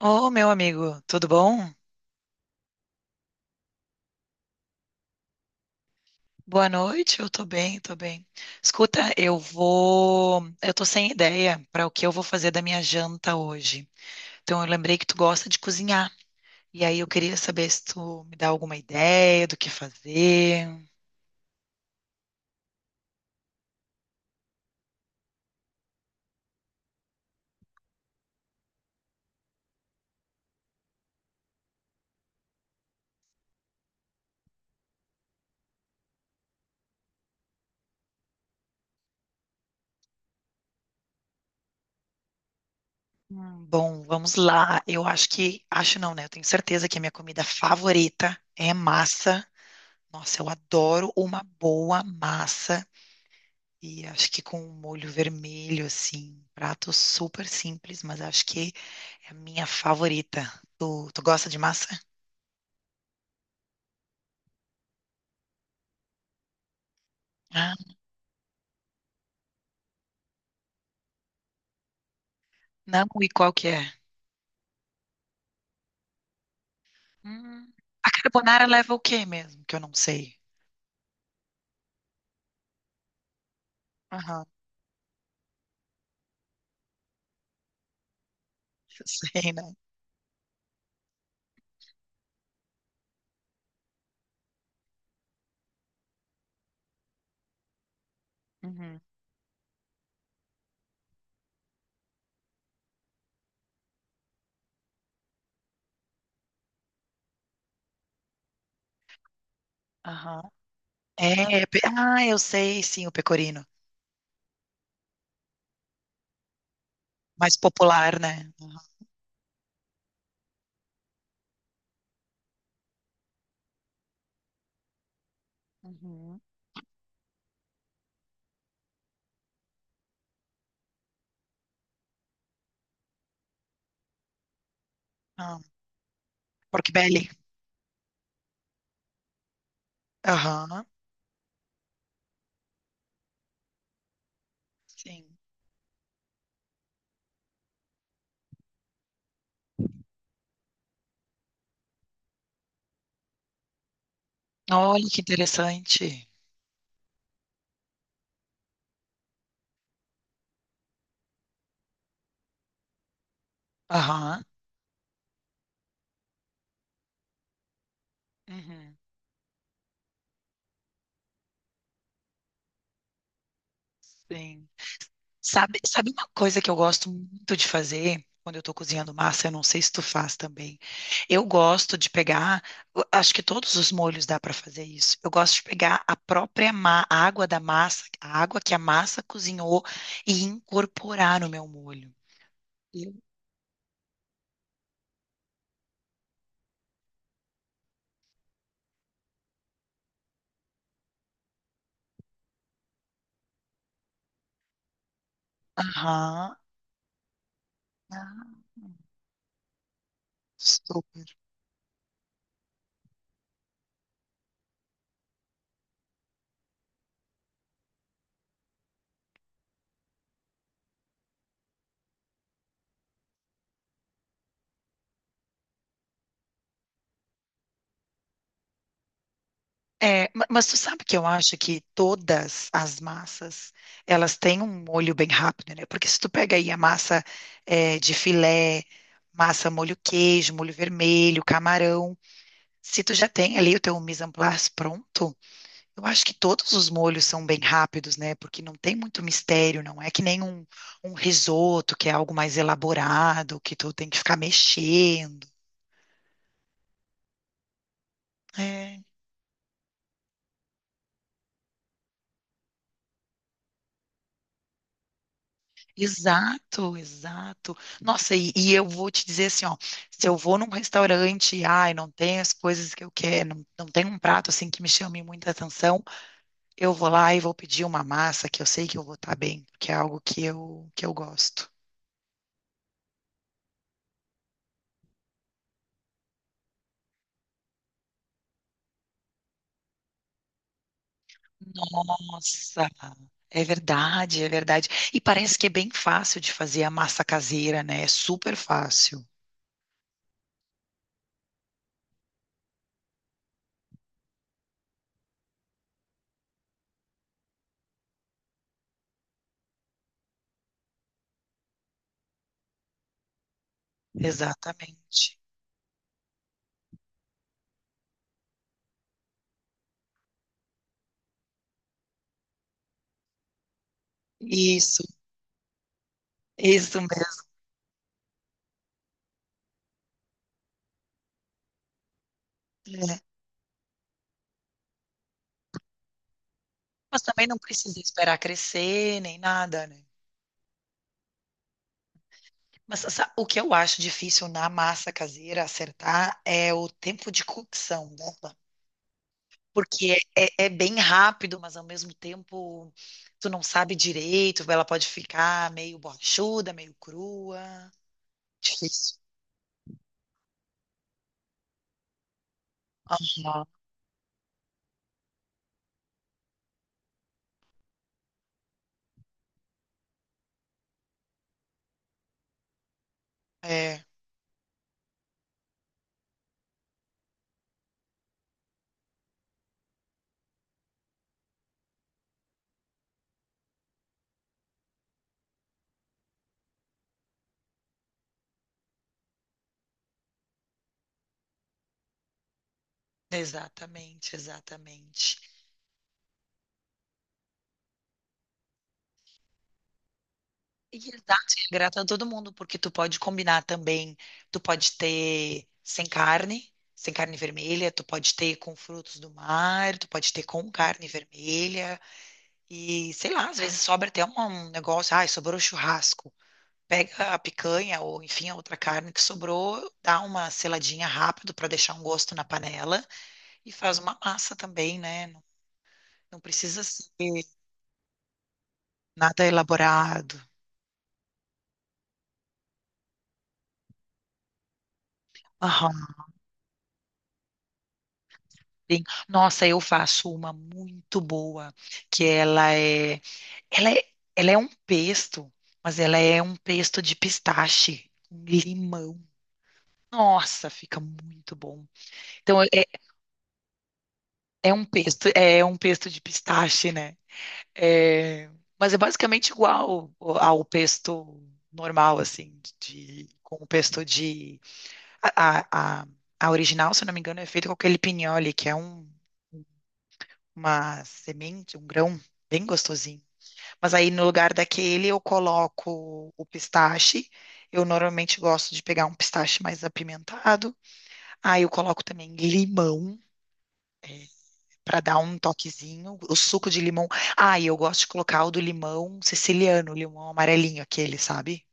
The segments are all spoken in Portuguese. Ô, meu amigo, tudo bom? Boa noite, eu tô bem, tô bem. Escuta, eu vou. Eu tô sem ideia para o que eu vou fazer da minha janta hoje. Então, eu lembrei que tu gosta de cozinhar. E aí, eu queria saber se tu me dá alguma ideia do que fazer. Bom, vamos lá. Eu acho que. Acho não, né? Eu tenho certeza que a minha comida favorita é massa. Nossa, eu adoro uma boa massa. E acho que com um molho vermelho, assim, prato super simples, mas acho que é a minha favorita. Tu gosta de massa? Ah, não, e qual que é? Hum, a carbonara leva o quê mesmo? Que eu não sei. Aham, eu sei, né? Uhum, aham. É, ah, eu sei, sim, o pecorino. Mais popular, né? Uhum. Ah, pork belly. Aham, sim. Olha que interessante. Aham. Uhum. Sim. Sabe, sabe uma coisa que eu gosto muito de fazer quando eu estou cozinhando massa? Eu não sei se tu faz também. Eu gosto de pegar, eu acho que todos os molhos dá para fazer isso. Eu gosto de pegar a própria a água da massa, a água que a massa cozinhou e incorporar no meu molho. Eu- Aham. Ah, super. É, mas tu sabe que eu acho que todas as massas, elas têm um molho bem rápido, né? Porque se tu pega aí a massa é, de filé, massa molho queijo, molho vermelho, camarão, se tu já tem ali o teu mise en place pronto, eu acho que todos os molhos são bem rápidos, né? Porque não tem muito mistério, não é que nem um, um risoto, que é algo mais elaborado, que tu tem que ficar mexendo. É. Exato, exato. Nossa, e eu vou te dizer assim, ó, se eu vou num restaurante e, ai, não tem as coisas que eu quero, não, não tem um prato assim que me chame muita atenção, eu vou lá e vou pedir uma massa que eu sei que eu vou estar bem, porque é algo que eu gosto. Nossa, é verdade, é verdade. E parece que é bem fácil de fazer a massa caseira, né? É super fácil. Exatamente. Isso, isso mesmo. É. Mas também não precisa esperar crescer nem nada, né? Mas o que eu acho difícil na massa caseira acertar é o tempo de cocção dela. Porque é bem rápido, mas ao mesmo tempo tu não sabe direito, ela pode ficar meio borrachuda, meio crua. Difícil. Não. É, exatamente, exatamente. E é exato, e é grato a todo mundo, porque tu pode combinar também, tu pode ter sem carne, sem carne vermelha, tu pode ter com frutos do mar, tu pode ter com carne vermelha, e sei lá, às vezes sobra até um, um negócio, ai, sobrou churrasco. Pega a picanha ou, enfim, a outra carne que sobrou, dá uma seladinha rápido para deixar um gosto na panela e faz uma massa também, né? Não, não precisa ser nada elaborado. Aham, sim. Nossa, eu faço uma muito boa, que ela é, ela é, ela é um pesto, mas ela é um pesto de pistache, com limão. Nossa, fica muito bom. Então é, é um pesto de pistache, né? É, mas é basicamente igual ao ao pesto normal, assim, de, com o pesto de. A, a, a, a original, se eu não me engano, é feita com aquele pignoli, que é um, uma semente, um grão bem gostosinho. Mas aí no lugar daquele eu coloco o pistache. Eu normalmente gosto de pegar um pistache mais apimentado. Aí eu coloco também limão. Para dar um toquezinho. O suco de limão. Ah, e eu gosto de colocar o do limão siciliano, o limão amarelinho, aquele, sabe?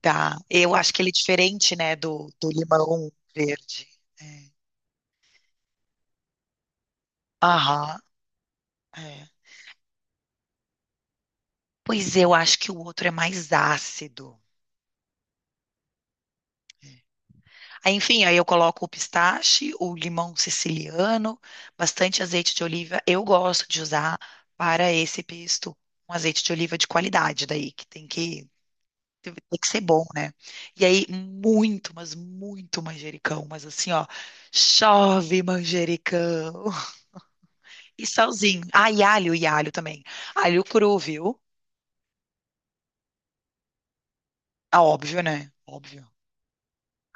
Tá. Eu acho que ele é diferente, né, do limão verde. É. Aham, é. Pois eu acho que o outro é mais ácido. É. Aí, enfim, aí eu coloco o pistache, o limão siciliano, bastante azeite de oliva. Eu gosto de usar para esse pesto um azeite de oliva de qualidade, daí que tem que ser bom, né? E aí, muito, mas muito manjericão. Mas assim, ó, chove manjericão. E salzinho. Ah, e alho também. Alho cru, viu? Ah, óbvio, né? Óbvio.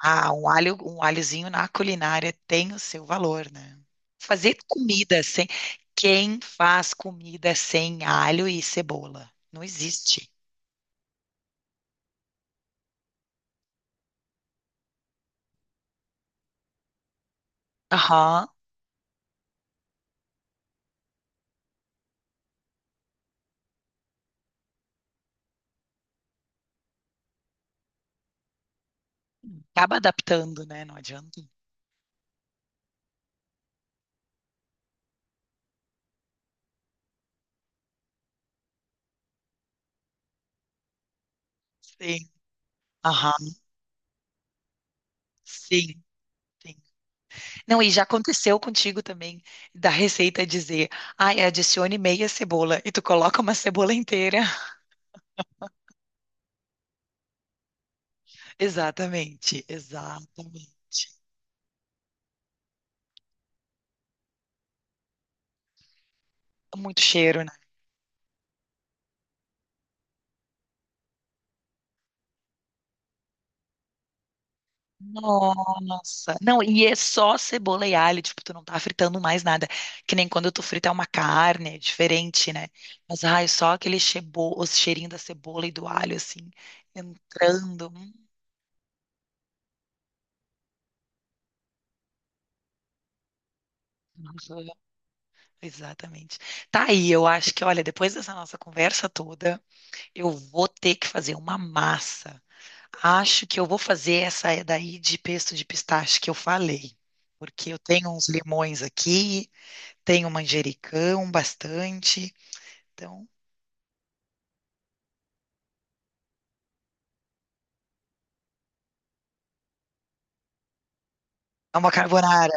Ah, um alho, um alhozinho na culinária tem o seu valor, né? Fazer comida sem. Quem faz comida sem alho e cebola? Não existe. Aham. Acaba adaptando, né? Não adianta. Sim. Aham. Sim, sim. Não, e já aconteceu contigo também, da receita dizer, ai, adicione meia cebola, e tu coloca uma cebola inteira. Exatamente, exatamente. Muito cheiro, né? Nossa. Não, e é só cebola e alho, tipo, tu não tá fritando mais nada. Que nem quando tu frita uma carne, é diferente, né? Mas, ai, só aquele chebo, o cheirinho da cebola e do alho, assim, entrando. Hum, Exatamente. Tá aí, eu acho que, olha, depois dessa nossa conversa toda. Eu vou ter que fazer uma massa. Acho que eu vou fazer essa daí de pesto de pistache que eu falei, porque eu tenho uns limões aqui, tenho manjericão bastante. Então, é uma carbonara.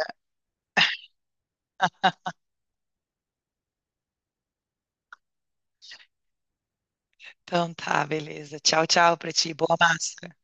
Então tá, beleza. Tchau, tchau pra ti. Boa massa.